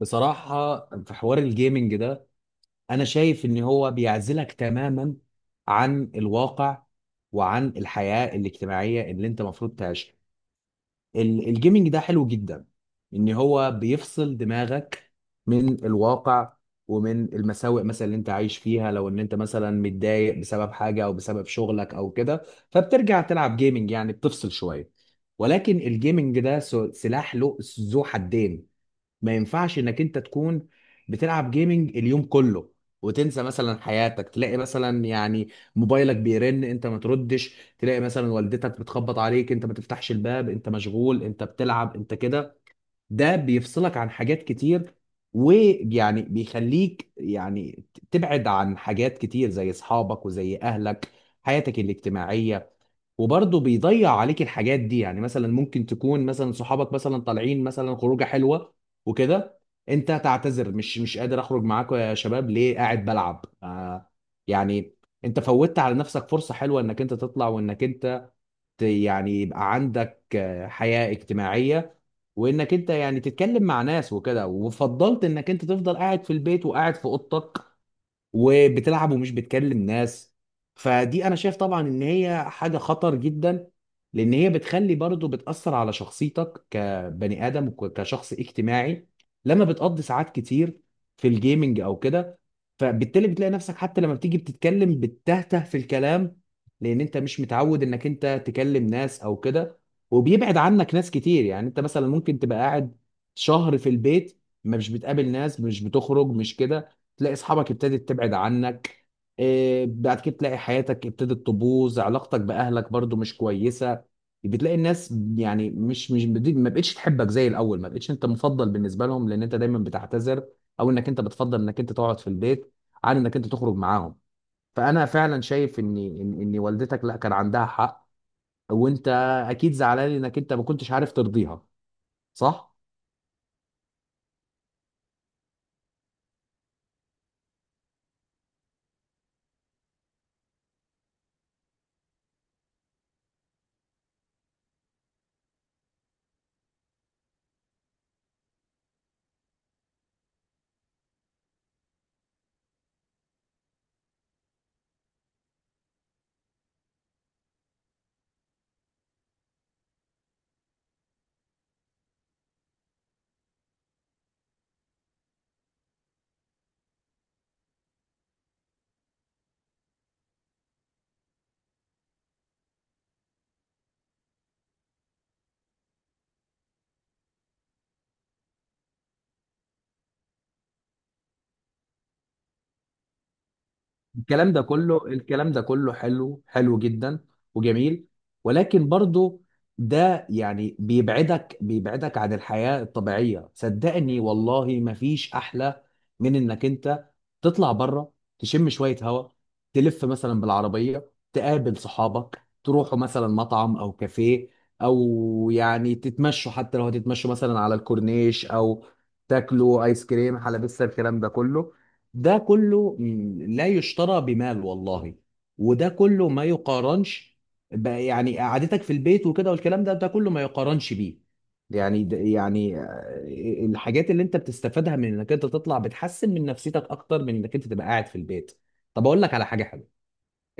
بصراحة، في حوار الجيمنج ده، أنا شايف إن هو بيعزلك تماما عن الواقع وعن الحياة الاجتماعية اللي أنت المفروض تعيشها. الجيمنج ده حلو جدا، إن هو بيفصل دماغك من الواقع ومن المساوئ مثلا اللي أنت عايش فيها، لو إن أنت مثلا متضايق بسبب حاجة أو بسبب شغلك أو كده، فبترجع تلعب جيمنج، يعني بتفصل شوية. ولكن الجيمنج ده سلاح له ذو حدين. ما ينفعش انك انت تكون بتلعب جيمنج اليوم كله وتنسى مثلا حياتك، تلاقي مثلا يعني موبايلك بيرن انت ما تردش، تلاقي مثلا والدتك بتخبط عليك انت ما تفتحش الباب، انت مشغول، انت بتلعب، انت كده. ده بيفصلك عن حاجات كتير، ويعني بيخليك يعني تبعد عن حاجات كتير زي اصحابك وزي اهلك، حياتك الاجتماعية. وبرضه بيضيع عليك الحاجات دي، يعني مثلا ممكن تكون مثلا صحابك مثلا طالعين مثلا خروجه حلوه وكده، انت تعتذر، مش قادر اخرج معاكم يا شباب، ليه؟ قاعد بلعب، آه، يعني انت فوتت على نفسك فرصه حلوه انك انت تطلع، وانك انت يعني يبقى عندك آه، حياه اجتماعيه، وانك انت يعني تتكلم مع ناس وكده، وفضلت انك انت تفضل قاعد في البيت وقاعد في اوضتك وبتلعب ومش بتكلم ناس. فدي انا شايف طبعا ان هي حاجه خطر جدا، لان هي بتخلي برضه بتاثر على شخصيتك كبني ادم وكشخص اجتماعي. لما بتقضي ساعات كتير في الجيمنج او كده، فبالتالي بتلاقي نفسك حتى لما بتيجي بتتكلم بتتهته في الكلام، لان انت مش متعود انك انت تكلم ناس او كده. وبيبعد عنك ناس كتير، يعني انت مثلا ممكن تبقى قاعد شهر في البيت ما مش بتقابل ناس، مش بتخرج، مش كده، تلاقي اصحابك ابتدت تبعد عنك. إيه، بعد كده تلاقي حياتك ابتدت تبوظ، علاقتك باهلك برضو مش كويسه. بتلاقي الناس يعني مش مش بدي- ما بقتش تحبك زي الاول، ما بقتش انت مفضل بالنسبه لهم، لان انت دايما بتعتذر، او انك انت بتفضل انك انت تقعد في البيت عن انك انت تخرج معاهم. فانا فعلا شايف ان إن والدتك لا كان عندها حق، وانت اكيد زعلان انك انت ما كنتش عارف ترضيها. صح، الكلام ده كله، الكلام ده كله حلو، حلو جدا وجميل، ولكن برضو ده يعني بيبعدك عن الحياة الطبيعية. صدقني والله مفيش أحلى من إنك أنت تطلع بره، تشم شوية هواء، تلف مثلا بالعربية، تقابل صحابك، تروحوا مثلا مطعم أو كافيه، أو يعني تتمشوا، حتى لو هتتمشوا مثلا على الكورنيش، أو تاكلوا آيس كريم، حلبسة الكلام ده كله، ده كله لا يشترى بمال والله. وده كله ما يقارنش يعني قعدتك في البيت وكده، والكلام ده ده كله ما يقارنش بيه. يعني ده يعني آه، الحاجات اللي انت بتستفادها من انك انت تطلع بتحسن من نفسيتك اكتر من انك انت تبقى قاعد في البيت. طب اقول لك على حاجة حلوة،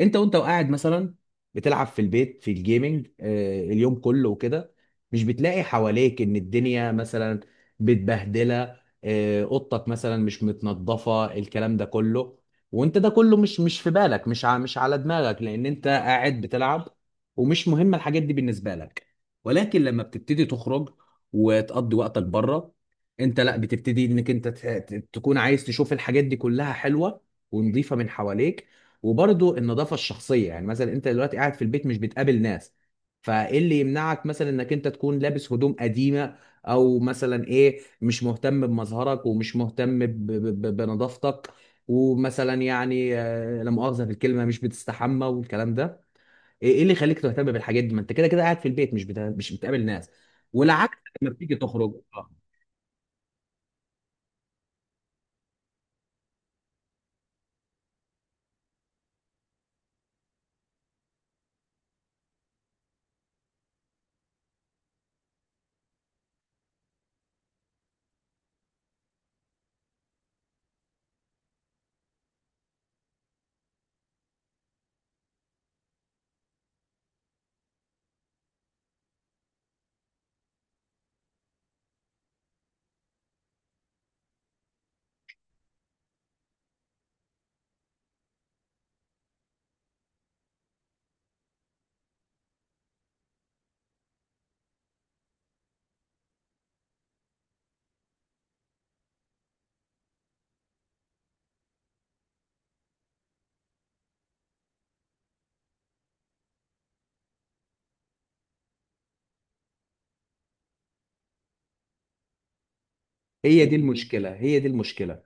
انت وانت وقاعد مثلا بتلعب في البيت في الجيمنج آه، اليوم كله وكده، مش بتلاقي حواليك ان الدنيا مثلا متبهدله، آه، اوضتك مثلا مش متنظفه، الكلام ده كله. وانت ده كله مش في بالك، مش على دماغك، لان انت قاعد بتلعب، ومش مهم الحاجات دي بالنسبه لك. ولكن لما بتبتدي تخرج وتقضي وقتك بره، انت لا بتبتدي انك انت تكون عايز تشوف الحاجات دي كلها حلوه ونظيفه من حواليك. وبرضه النظافه الشخصيه، يعني مثلا انت دلوقتي قاعد في البيت مش بتقابل ناس، فايه اللي يمنعك مثلا انك انت تكون لابس هدوم قديمه، او مثلا ايه مش مهتم بمظهرك ومش مهتم بنظافتك، ومثلا يعني آه، لا مؤاخذه في الكلمه، مش بتستحمى والكلام ده. إيه اللي يخليك تهتم بالحاجات دي؟ ما انت كده كده قاعد في البيت، مش بتقابل ناس. والعكس لما بتيجي تخرج، آه. هي دي المشكلة، هي دي المشكلة،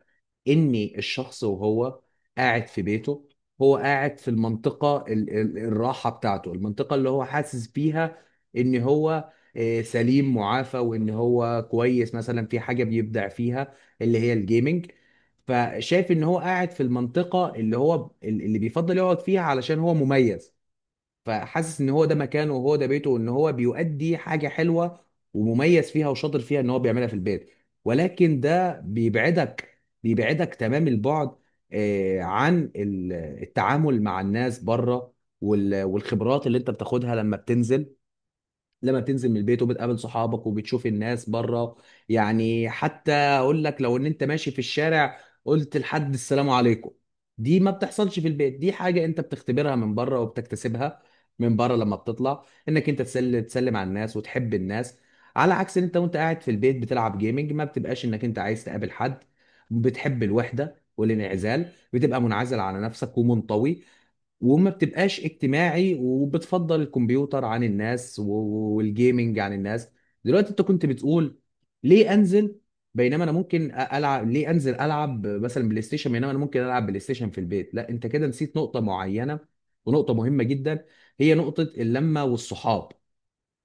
إن الشخص وهو قاعد في بيته، هو قاعد في المنطقة الراحة بتاعته، المنطقة اللي هو حاسس بيها إن هو آه، سليم معافى، وإن هو كويس مثلا في حاجة بيبدع فيها، اللي هي الجيمنج. فشايف إن هو قاعد في المنطقة اللي هو اللي بيفضل يقعد فيها علشان هو مميز، فحاسس ان هو ده مكانه، وهو ده بيته، وان هو بيؤدي حاجه حلوه ومميز فيها وشاطر فيها ان هو بيعملها في البيت. ولكن ده بيبعدك تمام البعد، آه، عن التعامل مع الناس بره، والخبرات اللي انت بتاخدها لما بتنزل، لما بتنزل من البيت وبتقابل صحابك وبتشوف الناس بره. يعني حتى اقول لك لو ان انت ماشي في الشارع قلت لحد السلام عليكم، دي ما بتحصلش في البيت، دي حاجة انت بتختبرها من بره وبتكتسبها من بره لما بتطلع، انك انت تسلم على الناس وتحب الناس، على عكس ان انت وانت قاعد في البيت بتلعب جيمنج ما بتبقاش انك انت عايز تقابل حد، بتحب الوحدة والانعزال، بتبقى منعزل على نفسك ومنطوي، وما بتبقاش اجتماعي، وبتفضل الكمبيوتر عن الناس والجيمينج عن الناس. دلوقتي انت كنت بتقول ليه انزل بينما انا ممكن العب، ليه انزل العب مثلا بلاي ستيشن بينما انا ممكن العب بلاي ستيشن في البيت؟ لا، انت كده نسيت نقطة معينة ونقطة مهمة جدا، هي نقطة اللمة والصحاب.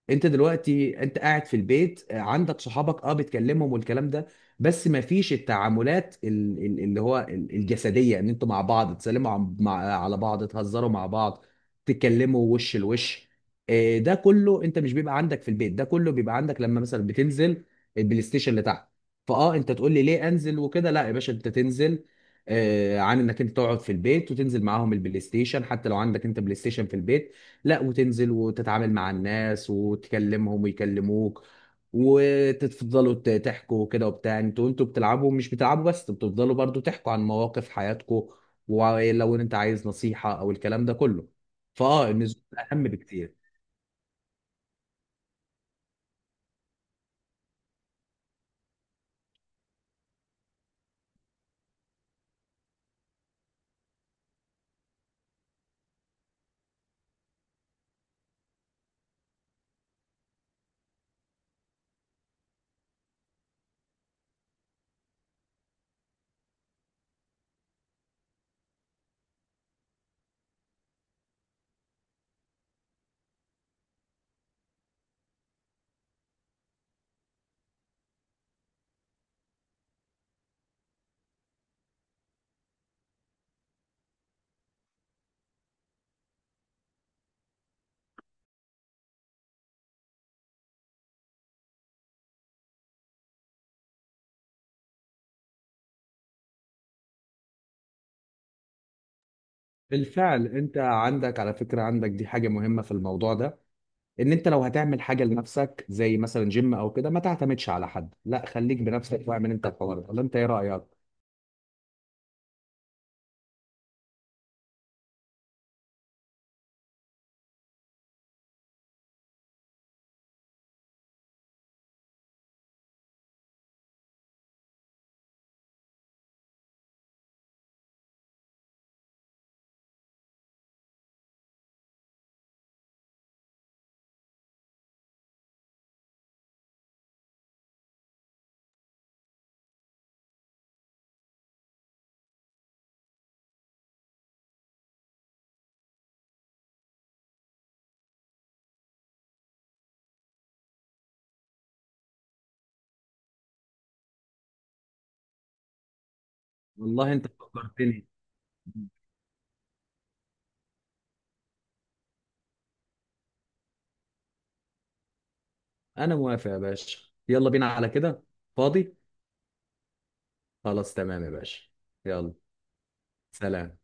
انت دلوقتي انت قاعد في البيت آه، عندك صحابك اه بتكلمهم والكلام ده، بس ما فيش التعاملات اللي هو الجسديه، ان انتوا مع بعض تسلموا على بعض، تهزروا مع بعض، تتكلموا وش لوش، آه، ده كله انت مش بيبقى عندك في البيت، ده كله بيبقى عندك لما مثلا بتنزل البلاي ستيشن اللي تحت. فاه انت تقول لي ليه انزل وكده، لا يا باشا انت تنزل، آه، عن انك انت تقعد في البيت، وتنزل معاهم البلاي ستيشن حتى لو عندك انت بلاي ستيشن في البيت، لا، وتنزل وتتعامل مع الناس وتكلمهم ويكلموك، وتفضلوا تحكوا كده وبتاع، انتوا انتوا بتلعبوا مش بتلعبوا، بس انتوا بتفضلوا برضو تحكوا عن مواقف حياتكم، ولو ان انت عايز نصيحة او الكلام ده كله. فاه النزول اهم بكتير. بالفعل انت عندك، على فكرة، عندك دي حاجة مهمة في الموضوع ده، ان انت لو هتعمل حاجة لنفسك زي مثلا جيم او كده، ما تعتمدش على حد، لا خليك بنفسك واعمل انت الحوار ده، ولا انت ايه رأيك؟ والله انت فكرتني. انا موافق يا باشا، يلا بينا على كده. فاضي، خلاص تمام يا باشا. يلا، سلام.